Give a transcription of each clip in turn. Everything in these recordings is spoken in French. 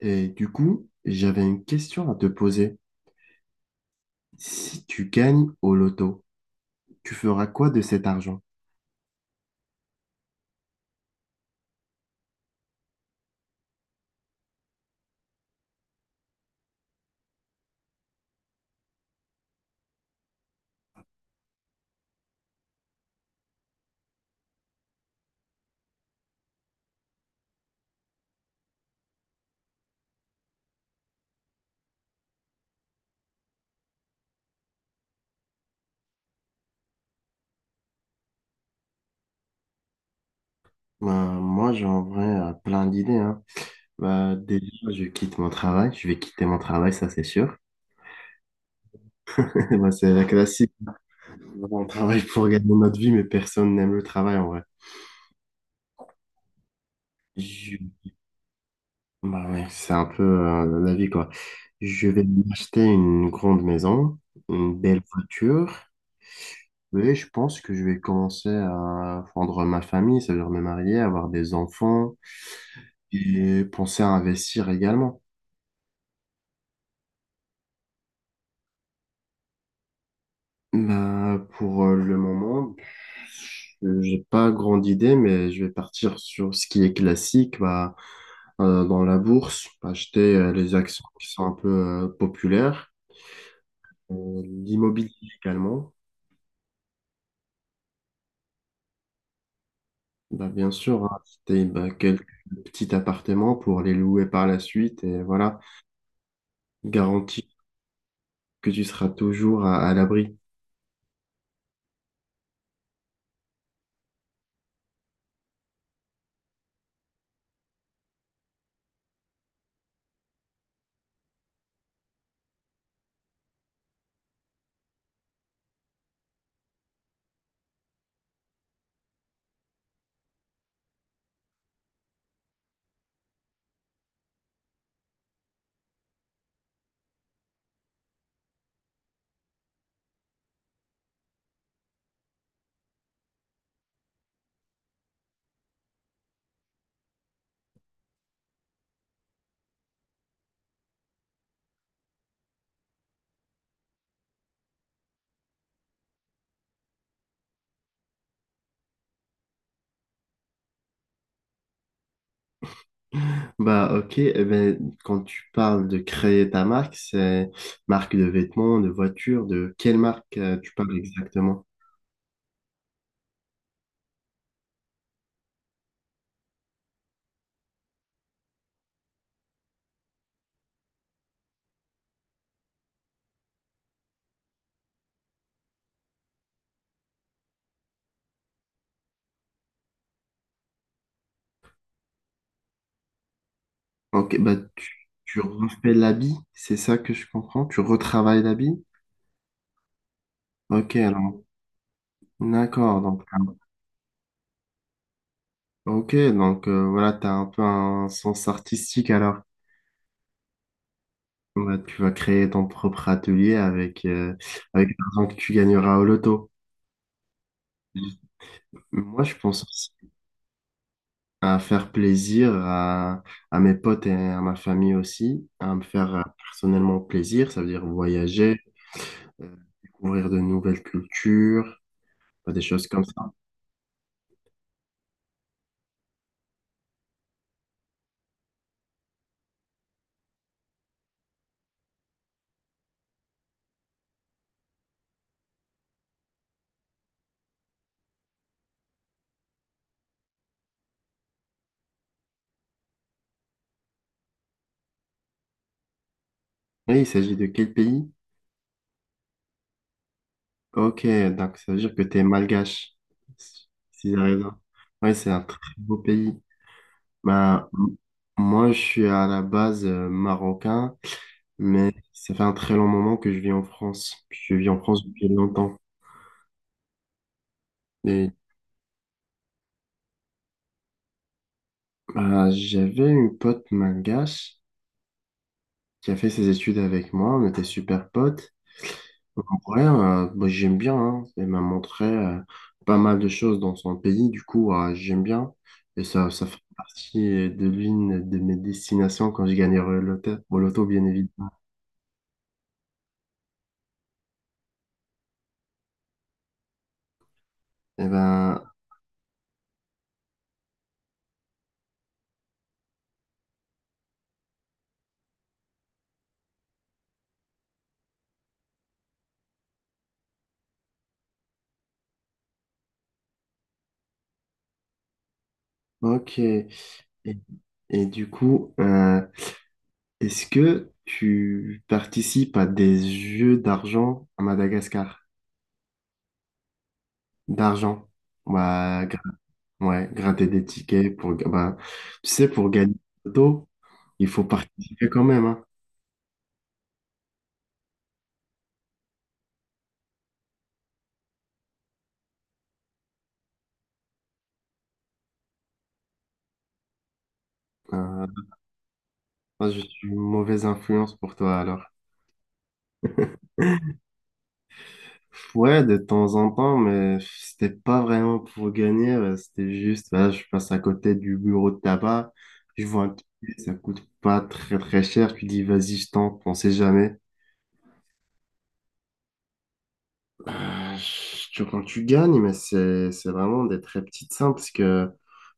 Et du coup, j'avais une question à te poser. Si tu gagnes au loto, tu feras quoi de cet argent? Ben, moi, j'ai en vrai plein d'idées, hein. Ben, déjà, je quitte mon travail. Je vais quitter mon travail, ça c'est sûr. Ben, c'est la classique. On travaille pour gagner notre vie, mais personne n'aime le travail en vrai. Je- ben ouais, c'est un peu la vie, quoi. Je vais m'acheter une grande maison, une belle voiture. Oui, je pense que je vais commencer à fondre ma famille, ça veut dire me marier, avoir des enfants et penser à investir également. Bah, pour le moment, j'ai pas grande idée, mais je vais partir sur ce qui est classique, bah, dans la bourse, acheter les actions qui sont un peu populaires. L'immobilier également, bah, bien sûr, hein, acheter bah, quelques petits appartements pour les louer par la suite et voilà, garantir que tu seras toujours à l'abri. Bah, ok, eh ben, quand tu parles de créer ta marque, c'est marque de vêtements, de voitures, de quelle marque tu parles exactement? Ok, bah tu refais l'habit, c'est ça que je comprends? Tu retravailles l'habit? Ok, alors, d'accord, donc, ok, donc voilà, tu as un peu un sens artistique alors. Bah, tu vas créer ton propre atelier avec l'argent que tu gagneras au loto. Moi, je pense aussi à faire plaisir à mes potes et à ma famille aussi, à me faire personnellement plaisir, ça veut dire voyager, euh, découvrir de nouvelles cultures, des choses comme ça. Et il s'agit de quel pays? Ok, donc ça veut dire que tu es malgache, si j'ai raison. Oui, c'est un très beau pays. Ben, moi, je suis à la base marocain, mais ça fait un très long moment que je vis en France. Puis je vis en France depuis longtemps. Et j'avais une pote malgache qui a fait ses études avec moi. On était super potes. Donc, en vrai, moi, j'aime bien, hein. Elle m'a montré pas mal de choses dans son pays. Du coup, j'aime bien. Et ça fait partie de l'une de mes destinations quand je gagnerai au loto, bien évidemment. Eh ben, ok. Et, du coup, est-ce que tu participes à des jeux d'argent à Madagascar? D'argent. Bah, ouais, gratter des tickets bah, tu sais, pour gagner au loto, il faut participer quand même, hein. Euh, Moi, je suis une mauvaise influence pour toi, alors. Ouais, de temps en temps, mais c'était pas vraiment pour gagner, c'était juste, là, je passe à côté du bureau de tabac, je vois un ticket, ça coûte pas très très cher, tu dis, vas-y, je tente, on sait jamais. Euh, Quand tu gagnes, mais c'est vraiment des très petites sommes parce que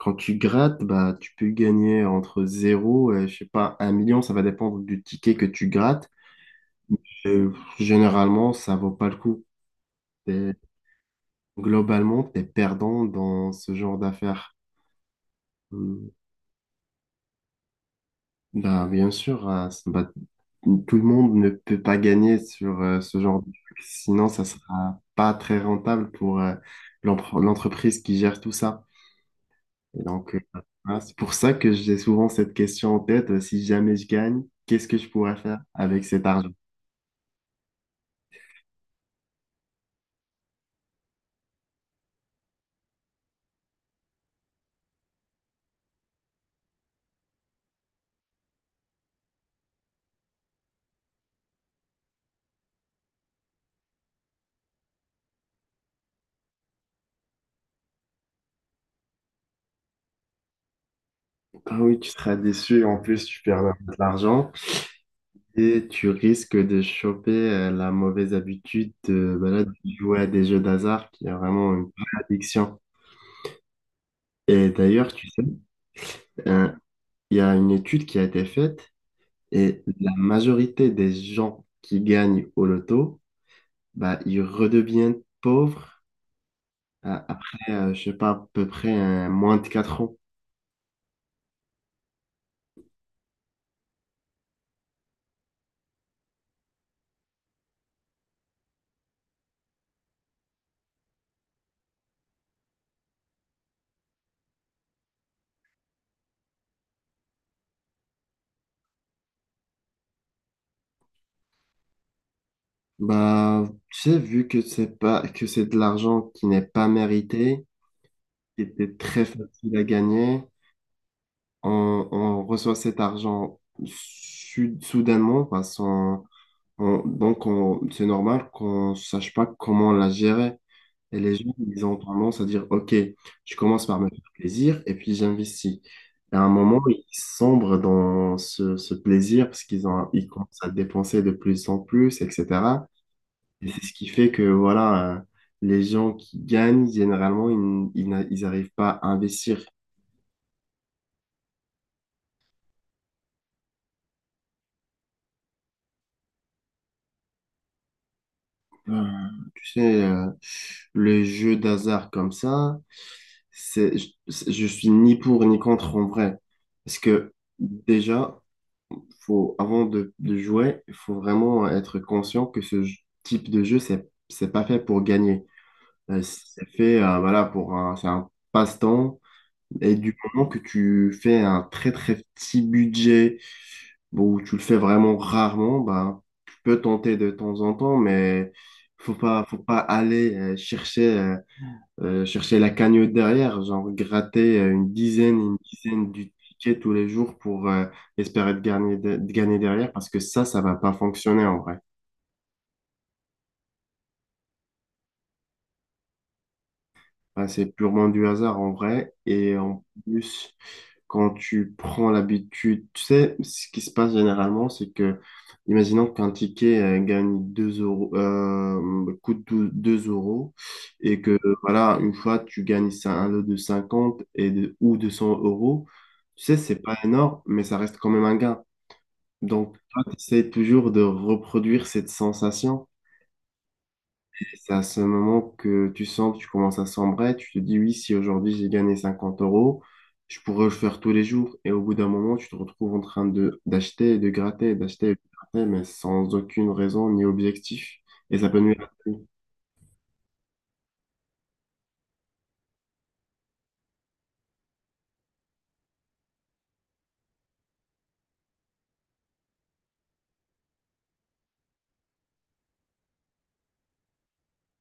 quand tu grattes, bah, tu peux gagner entre zéro et je sais pas, 1 million. Ça va dépendre du ticket que tu grattes. Et généralement, ça vaut pas le coup. T'es- Globalement, tu es perdant dans ce genre d'affaires. Hmm. Bah, bien sûr, bah, tout le monde ne peut pas gagner sur ce genre de truc. Sinon, ça sera pas très rentable pour l'entreprise qui gère tout ça. Et donc, voilà, c'est pour ça que j'ai souvent cette question en tête, si jamais je gagne, qu'est-ce que je pourrais faire avec cet argent? Ah oui, tu seras déçu, en plus tu perds de l'argent et tu risques de choper la mauvaise habitude de jouer à des jeux d'hasard qui est vraiment une vraie addiction. Et d'ailleurs, tu sais, euh, il y a une étude qui a été faite et la majorité des gens qui gagnent au loto, bah, ils redeviennent pauvres. Après, je sais pas, à peu près moins de 4 ans. Bah, tu sais, vu que c'est pas, que c'est de l'argent qui n'est pas mérité, qui était très facile à gagner, on reçoit cet argent soudainement, parce qu'on- on- donc on- c'est normal qu'on sache pas comment la gérer. Et les gens, ils ont tendance à dire, OK, je commence par me faire plaisir et puis j'investis. Et à un moment, ils sombrent dans ce plaisir parce qu'ils commencent à dépenser de plus en plus, etc. Et c'est ce qui fait que, voilà, les gens qui gagnent, généralement, ils n'arrivent pas à investir. Euh, Tu sais, le jeu d'hasard comme ça, je suis ni pour ni contre en vrai. Parce que déjà, avant de jouer, il faut vraiment être conscient que ce type de jeu, c'est pas fait pour gagner. C'est fait, voilà, c'est un passe-temps. Et du moment que tu fais un très très petit budget, bon, où tu le fais vraiment rarement, ben, tu peux tenter de temps en temps, mais faut pas aller chercher la cagnotte derrière, genre gratter une dizaine du ticket tous les jours pour espérer de gagner, de gagner derrière, parce que ça va pas fonctionner en vrai. Ah, c'est purement du hasard en vrai. Et en plus, quand tu prends l'habitude, tu sais, ce qui se passe généralement, c'est que, imaginons qu'un ticket gagne 2 euros, coûte 2 euros, et que, voilà, une fois, tu gagnes un lot de 50 ou 200 euros, tu sais, c'est pas énorme, mais ça reste quand même un gain. Donc, toi, tu essaies toujours de reproduire cette sensation. Et c'est à ce moment que tu sens que tu commences à sombrer, tu te dis oui, si aujourd'hui j'ai gagné 50 euros, je pourrais le faire tous les jours. Et au bout d'un moment, tu te retrouves en train de d'acheter, et de gratter, d'acheter, et de gratter, mais sans aucune raison ni objectif. Et ça peut nuire à ta vie.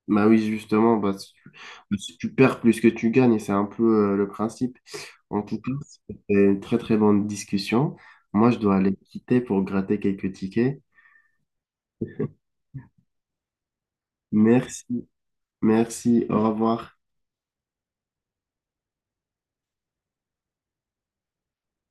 Bah oui, justement, bah, si tu perds plus que tu gagnes, et c'est un peu le principe. En tout cas, c'était une très très bonne discussion. Moi, je dois aller quitter pour gratter quelques tickets. Merci, merci, au revoir.